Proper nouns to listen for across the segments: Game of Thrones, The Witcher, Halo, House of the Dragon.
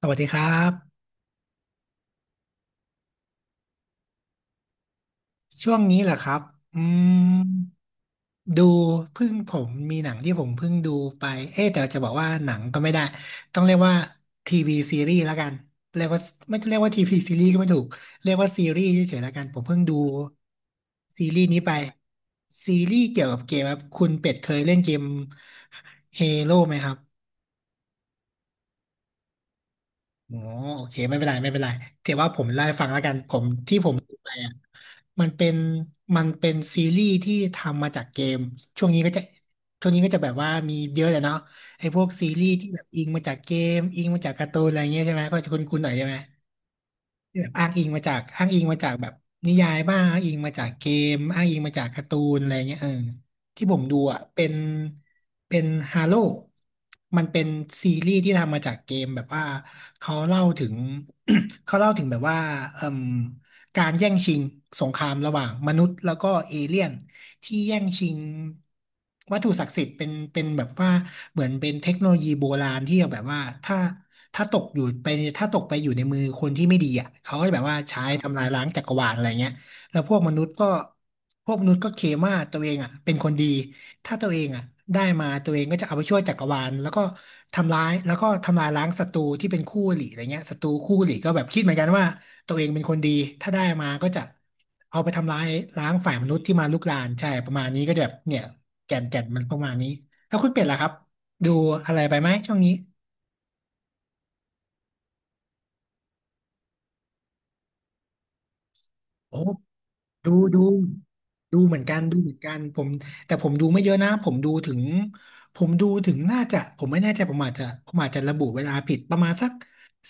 สวัสดีครับช่วงนี้เหรอครับอืมดูเพิ่งผมมีหนังที่ผมเพิ่งดูไปเอ๊ะแต่จะบอกว่าหนังก็ไม่ได้ต้องเรียกว่าทีวีซีรีส์แล้วกันเรียกว่าเรียกว่าทีวีซีรีส์ก็ไม่ถูกเรียกว่าซีรีส์เฉยๆแล้วกันผมเพิ่งดูซีรีส์นี้ไปซีรีส์เกี่ยวกับเกมครับคุณเป็ดเคยเล่นเกมเฮโร่ไหมครับ อ๋อโอเคไม่เป็นไรถือว่าผมเล่าให้ฟังแล้วกันที่ผมดูไปอ่ะมันเป็นมันเป็นซีรีส์ที่ทำมาจากเกมช่วงนี้ก็จะช่วงนี้ก็จะแบบว่ามีเยอะเลยเนาะไอ้พวกซีรีส์ที่แบบอิงมาจากเกมอิงมาจากการ์ตูนอะไรเงี้ยใช่ไหมก็จะคุ้นๆหน่อยใช่ไหม แบบอ้างอิงมาจากแบบนิยายบ้างอ้างอิงมาจากเกมอ้างอิงมาจากการ์ตูนอะไรเงี้ยเออที่ผมดูอ่ะเป็นฮาโลมันเป็นซีรีส์ที่ทำมาจากเกมแบบว่าเขาเล่าถึง เขาเล่าถึงแบบว่าเอ่มการแย่งชิงสงครามระหว่างมนุษย์แล้วก็เอเลี่ยนที่แย่งชิงวัตถุศักดิ์สิทธิ์เป็นแบบว่าเหมือนเป็นเทคโนโลยีโบราณที่แบบว่าถ้าตกอยู่ไปถ้าตกไปอยู่ในมือคนที่ไม่ดีอ่ะเขาก็จะแบบว่าใช้ทำลายล้างจักรวาลอะไรเงี้ยแล้วพวกมนุษย์ก็เคลมว่าตัวเองอ่ะเป็นคนดีถ้าตัวเองอ่ะได้มาตัวเองก็จะเอาไปช่วยจักรวาลแล้วก็ทำร้ายแล้วก็ทำลายล้างศัตรูที่เป็นคู่อริอะไรเงี้ยศัตรูคู่อริก็แบบคิดเหมือนกันว่าตัวเองเป็นคนดีถ้าได้มาก็จะเอาไปทำร้ายล้างฝ่ายมนุษย์ที่มาลุกรานใช่ประมาณนี้ก็จะแบบเนี่ยแก่นมันประมาณนี้แล้วคุณเป็ดล่ะครับดูอะไรไปไหมช่วงนี้ โอ้ดูดูเหมือนกันผมแต่ผมดูไม่เยอะนะผมดูถึงน่าจะผมไม่แน่ใจผมอาจจะระบุเวลาผิดประมาณสัก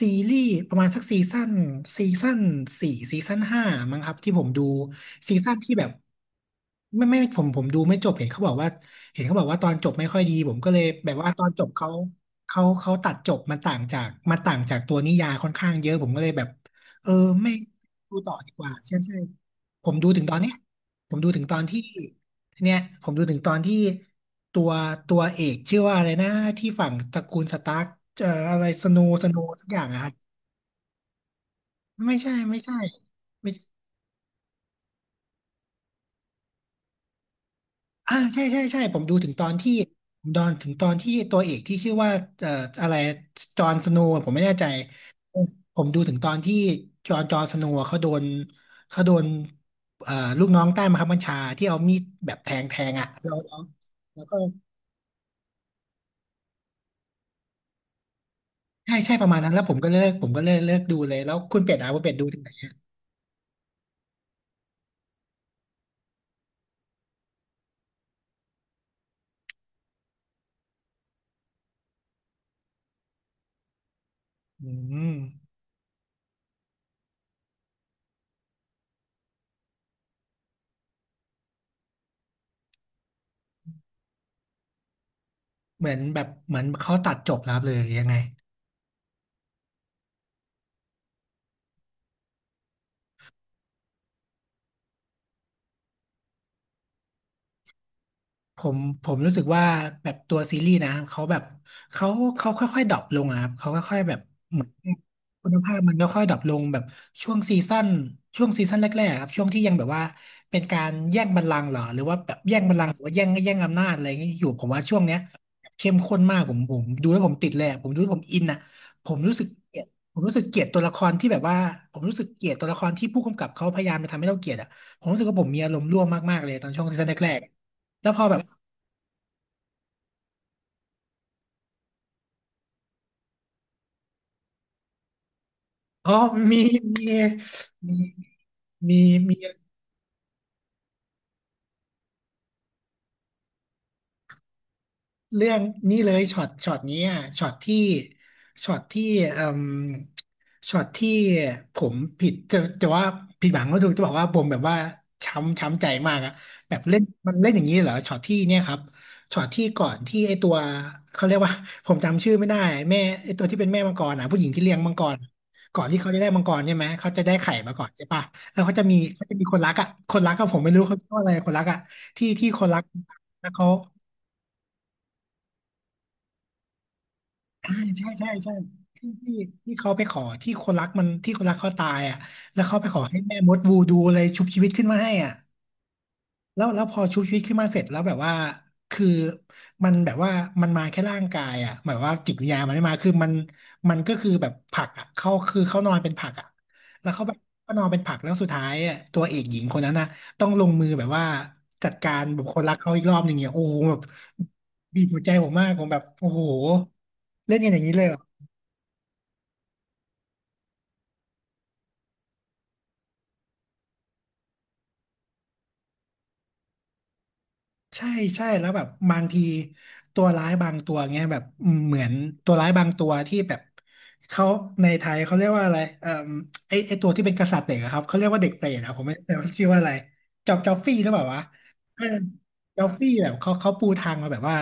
ซีรีส์ประมาณสักซีซั่นสี่ซีซั่นห้ามั้งครับที่ผมดูซีซั่นที่แบบไม่ผมดูไม่จบเห็นเขาบอกว่าตอนจบไม่ค่อยดีผมก็เลยแบบว่าตอนจบเขาตัดจบมันต่างจากตัวนิยายค่อนข้างเยอะผมก็เลยแบบเออไม่ ดูต่อดีกว่าใช่ใช่ผมดูถึงตอนเนี้ยผมดูถึงตอนที่เนี่ยผมดูถึงตอนที่ตัวตัวเอกชื่อว่าอะไรนะที่ฝั่งตระกูลสตาร์กอะไรสโนว์สักอย่างอะครับไม่ใช่อ่าใช่ใช่ใช่ผมดอนถึงตอนที่ตัวเอกที่ชื่อว่าเอ่ออะไรจอห์นสโนว์ผมไม่แน่ใจเออผมดูถึงตอนที่จอห์นสโนว์เขาโดนเอ่อลูกน้องใต้บังคับบัญชาที่เอามีดแบบแทงอ่ะแล้วก็ใช่ใช่ประมาณนั้นแล้วผมก็เลิกดูเลยแล้วคุณเป็ดดูถึงไหนอะอืมเหมือนแบบเหมือนเขาตัดจบแล้วเลยยังไง ผมผมรู้สึกว่าแบบตัวซีรีส์นะเขาแบบเขาเขาค่อยๆดรอปลงอะครับเขาค่อยๆแบบเหมือนคุณภาพมันค่อยๆดรอปลงแบบช่วงซีซั่นช่วงซีซั่นแรกๆครับช่วงที่ยังแบบว่าเป็นการแย่งบัลลังก์เหรอหรือว่าแบบแย่งบัลลังก์หรือว่าแย่งอำนาจอะไรอย่างเงี้ยอยู่ผมว่าช่วงเนี้ยเข้มข้นมากผมดูแล้วผมติดเลยอะผมดูแล้วผมอินอะผมรู้สึกเกลียดผมรู้สึกเกลียดตัวละครที่แบบว่าผมรู้สึกเกลียดตัวละครที่ผู้กำกับเขาพยายามจะทำให้เราเกลียดอ่ะผมรู้สึกว่าผมมีอารมณ์ร่วมมากๆเลยตอนช่วงซีซั่นแรกๆแล้วพอแบบ อ๋อมี มี มี มี มีมี เรื่องนี้เลยช็อตนี้อะช็อตที่เอ่มช็อตที่ผมผิดหวังก็ถูกจะบอกว่าผมแบบว่าช้ำใจมากอะแบบเล่นมันเล่นอย่างนี้เหรอช็อตที่เนี่ยครับช็อตที่ก่อนที่ไอตัวเขาเรียกว่า ผมจำชื่อไม่ได้แม่ไอตัวที่เป็นแม่มังกรอ่ะผู้หญิงที่เลี้ยงมังกรก่อนที่เขาจะได้มังกรใช่ไหมเขาจะได้ไข่มาก่อนใช่ปะแล้วเขาจะมีคนรักอ่ะคนรักก็ผมไม่รู้เขาเรียกว่าอะไรคนรักอ่ะที่คนรักแล้วเขา อ่าใช่ใช่ใช่ที่ที่ที่เขาไปขอที่คนรักมันที่คนรักเขาตายอ่ะแล้วเขาไปขอให้แม่มดวูดูอะไรชุบชีวิตขึ้นมาให้อ่ะแล้วพอชุบชีวิตขึ้นมาเสร็จแล้วแบบว่าคือมันแบบว่ามาแค่ร่างกายอ่ะหมายว่าจิตวิญญาณมันไม่มาคือมันก็คือแบบผักอ่ะเขาคือเขานอนเป็นผักอ่ะแล้วเขาแบบก็นอนเป็นผักแล้วสุดท้ายอ่ะตัวเอกหญิงคนนั้นอ่ะต้องลงมือแบบว่าจัดการแบบคนรักเขาอีกรอบหนึ่งเนี่ยโอ้โหแบบบีบหัวใจผมมากผมแบบโอ้โหเล่นกันอย่างนี้เลยเหรอ ใช่ใช่แล้วแบบบางทีตัวร้ายบางตัวเงี้ยแบบเหมือนตัวร้ายบางตัวที่แบบเขาในไทยเขาเรียกว่าอะไรไอตัวที่เป็นกษัตริย์เด็กอะครับเขาเรียกว่าเด็กเปรตอะผมไม่แต่ว่าชื่อว่าอะไรจอฟฟี่หรือเปล่าวะเออจอฟฟี่แบบเขาปูทางมาแบบว่า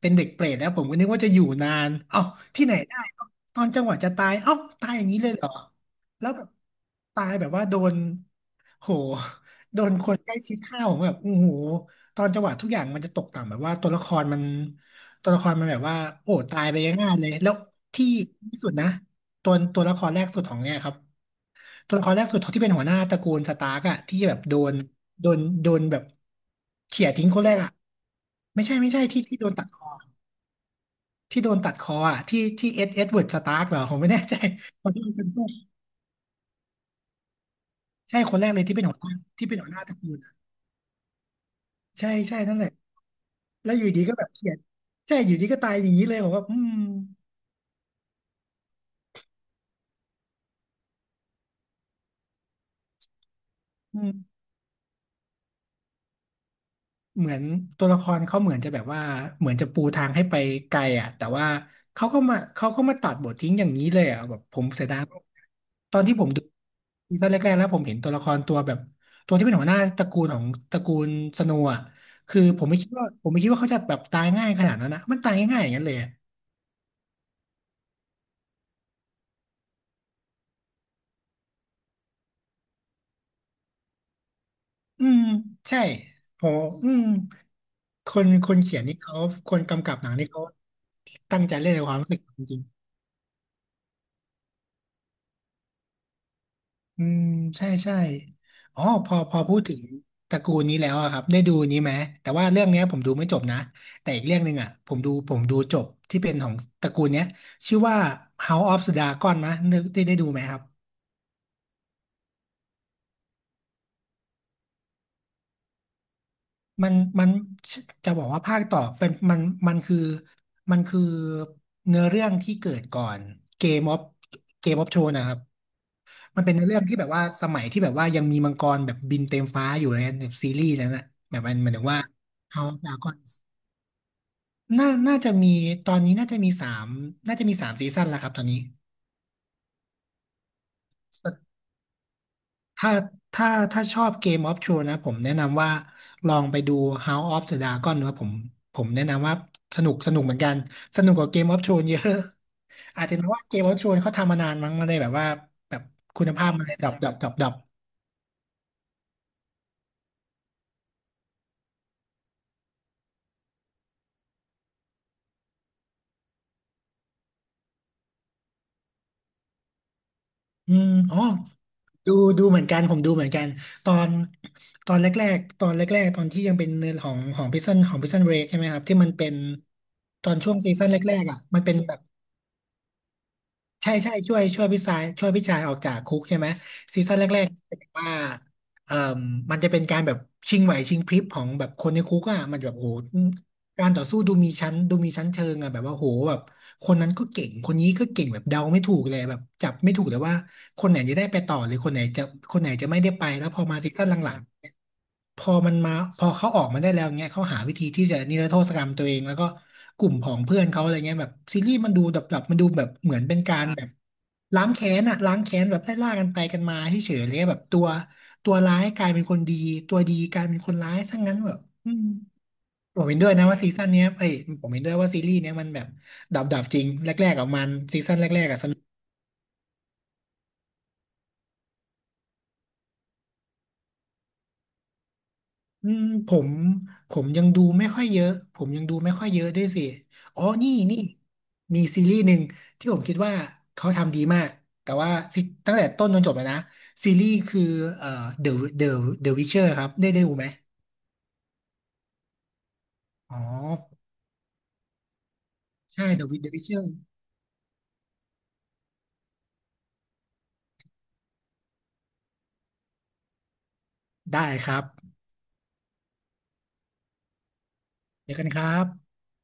เป็นเด็กเปรตแล้วผมก็นึกว่าจะอยู่นานเอ้าที่ไหนได้เอ้าตอนจังหวะจะตายเอ้าตายอย่างนี้เลยเหรอแล้วแบบตายแบบว่าโดนโหโดนคนใกล้ชิดฆ่าผมแบบโอ้โห ตอนจังหวะทุกอย่างมันจะตกต่ำแบบว่าตัวละครมันแบบว่าโอ้ตายไปง่ายๆเลยแล้วที่ที่สุดนะตัวละครแรกสุดของเนี่ยครับตัวละครแรกสุดที่เป็นหัวหน้าตระกูลสตาร์กอะที่แบบโดนโดนแบบเขี่ยทิ้งคนแรกอะไม่ใช่ที่โดนตัดคอที่โดนตัดคออะที่เอ็ดเวิร์ดสตาร์กเหรอผมไม่แน่ใจ ขอโทษใช่คนแรกเลยที่เป็นหัวหน้าที่เป็นหัวหน้าตระกูลอะใช่ใช่นั่นแหละแล้วอยู่ดีก็แบบเขี่ยใช่อยู่ดีก็ตายอย่างนี้เลยผมว่าอืม เหมือนตัวละครเขาเหมือนจะแบบว่าเหมือนจะปูทางให้ไปไกลอ่ะแต่ว่าเขาก็มาตัดบททิ้งอย่างนี้เลยอ่ะแบบผมเสียดายมากตอนที่ผมดูซีซั่นแรกๆแล้วผมเห็นตัวละครตัวแบบตัวที่เป็นหัวหน้าตระกูลของตระกูลสโนว์อ่ะคือผมไม่คิดว่าเขาจะแบบตายง่ายขนาดนั้นนะมันตายง่ายอย่างนั้นเลยอะอืมใช่โหอืมคนเขียนนี่เขาคนกำกับหนังนี่เขาตั้งใจเล่นในความรู้สึกจริง อืมใช่ใช่อ๋อพอพูดถึงตระกูลนี้แล้วอะครับได้ดูนี้ไหมแต่ว่าเรื่องเนี้ยผมดูไม่จบนะแต่อีกเรื่องหนึ่งอะผมดูจบที่เป็นของตระกูลเนี้ยชื่อว่า House of the Dragon นะนึกได้ได้ดูไหมครับ มันมันจะบอกว่าภาคต่อเป็นมันมันคือมันคือเนื้อเรื่องที่เกิดก่อนเกมออฟเกมออฟโทรนะครับมันเป็นเนื้อเรื่องที่แบบว่าสมัยที่แบบว่ายังมีมังกรแบบบินเต็มฟ้าอยู่เลยนะแบบซีรีส์แล้วนะแบบมันหมายถึงว่าเฮาส์ดรากอนน่าจะมีตอนนี้น่าจะมีสามซีซั่นแล้วครับตอนนี้ ถ้าถ้าถ้าชอบ Game of Thrones นะผมแนะนำว่าลองไปดู House of the Dragon นะผมแนะนำว่าสนุกเหมือนกันสนุกกว่า Game of Thrones เยอะ อาจจะเป็นเพราะว่า Game of Thrones เขาทำมานานมั้งมันเลยแบบว่าแบบคุณภาพมันเลยดรอปอืมอ๋อดูดูเหมือนกันผมดูเหมือนกันตอนตอนแรกๆตอนแรกๆตอนที่ยังเป็นเนื้อของพิซซันของพิซซันเบรกใช่ไหมครับที่มันเป็นตอนช่วงซีซั่นแรกๆอ่ะมันเป็นแบบ ใช่ใช่ช่วยพี่ชายออกจากคุกใช่ไหมซีซั่นแรกๆจะแบบว่าเอ่อมันจะเป็นการแบบชิงไหวชิงพริบของแบบคนในคุกอ่ะมันจะแบบโหการต่อสู้ดูมีชั้นเชิงอ่ะแบบว่าโหแบบคนนั้นก็เก่งคนนี้ก็เก่งแบบเดาไม่ถูกเลยแบบจับไม่ถูกเลยว่าคนไหนจะได้ไปต่อหรือคนไหนจะคนไหนจะไม่ได้ไปแล้วพอมาซีซั่นหลังๆ พอมันมาพอเขาออกมาได้แล้วเงี้ยเขาหาวิธีที่จะนิรโทษกรรมตัวเองแล้วก็กลุ่มของเพื่อนเขาอะไรเงี้ยแบบซีรีส์มันดูดับมันดูแบบเหมือนเป็นการแบบล้างแค้นอะล้างแค้นแบบไล่ล่ากันไปกันมาเฉยๆเลยแบบตัวร้ายกลายเป็นคนดีตัวดีกลายเป็นคนร้ายทั้งนั้นแบบอืมผมเห็นด้วยนะว่าซีซั่นเนี้ยเอ้ยผมเห็นด้วยว่าซีรีส์เนี้ยมันแบบดับๆ อืมผมยังดูไม่ค่อยเยอะผมยังดูไม่ค่อยเยอะด้วยสิอ๋อนี่มีซีรีส์หนึ่งที่ผมคิดว่าเขาทำดีมากแต่ว่าซตั้งแต่ต้นจนจบเลยนะซีรีส์คือเอ่อ The The The Witcher ครับได้ได้ดูไหมอ๋อใช่ The Witcher ได้ครับเดี๋ยวกันครับ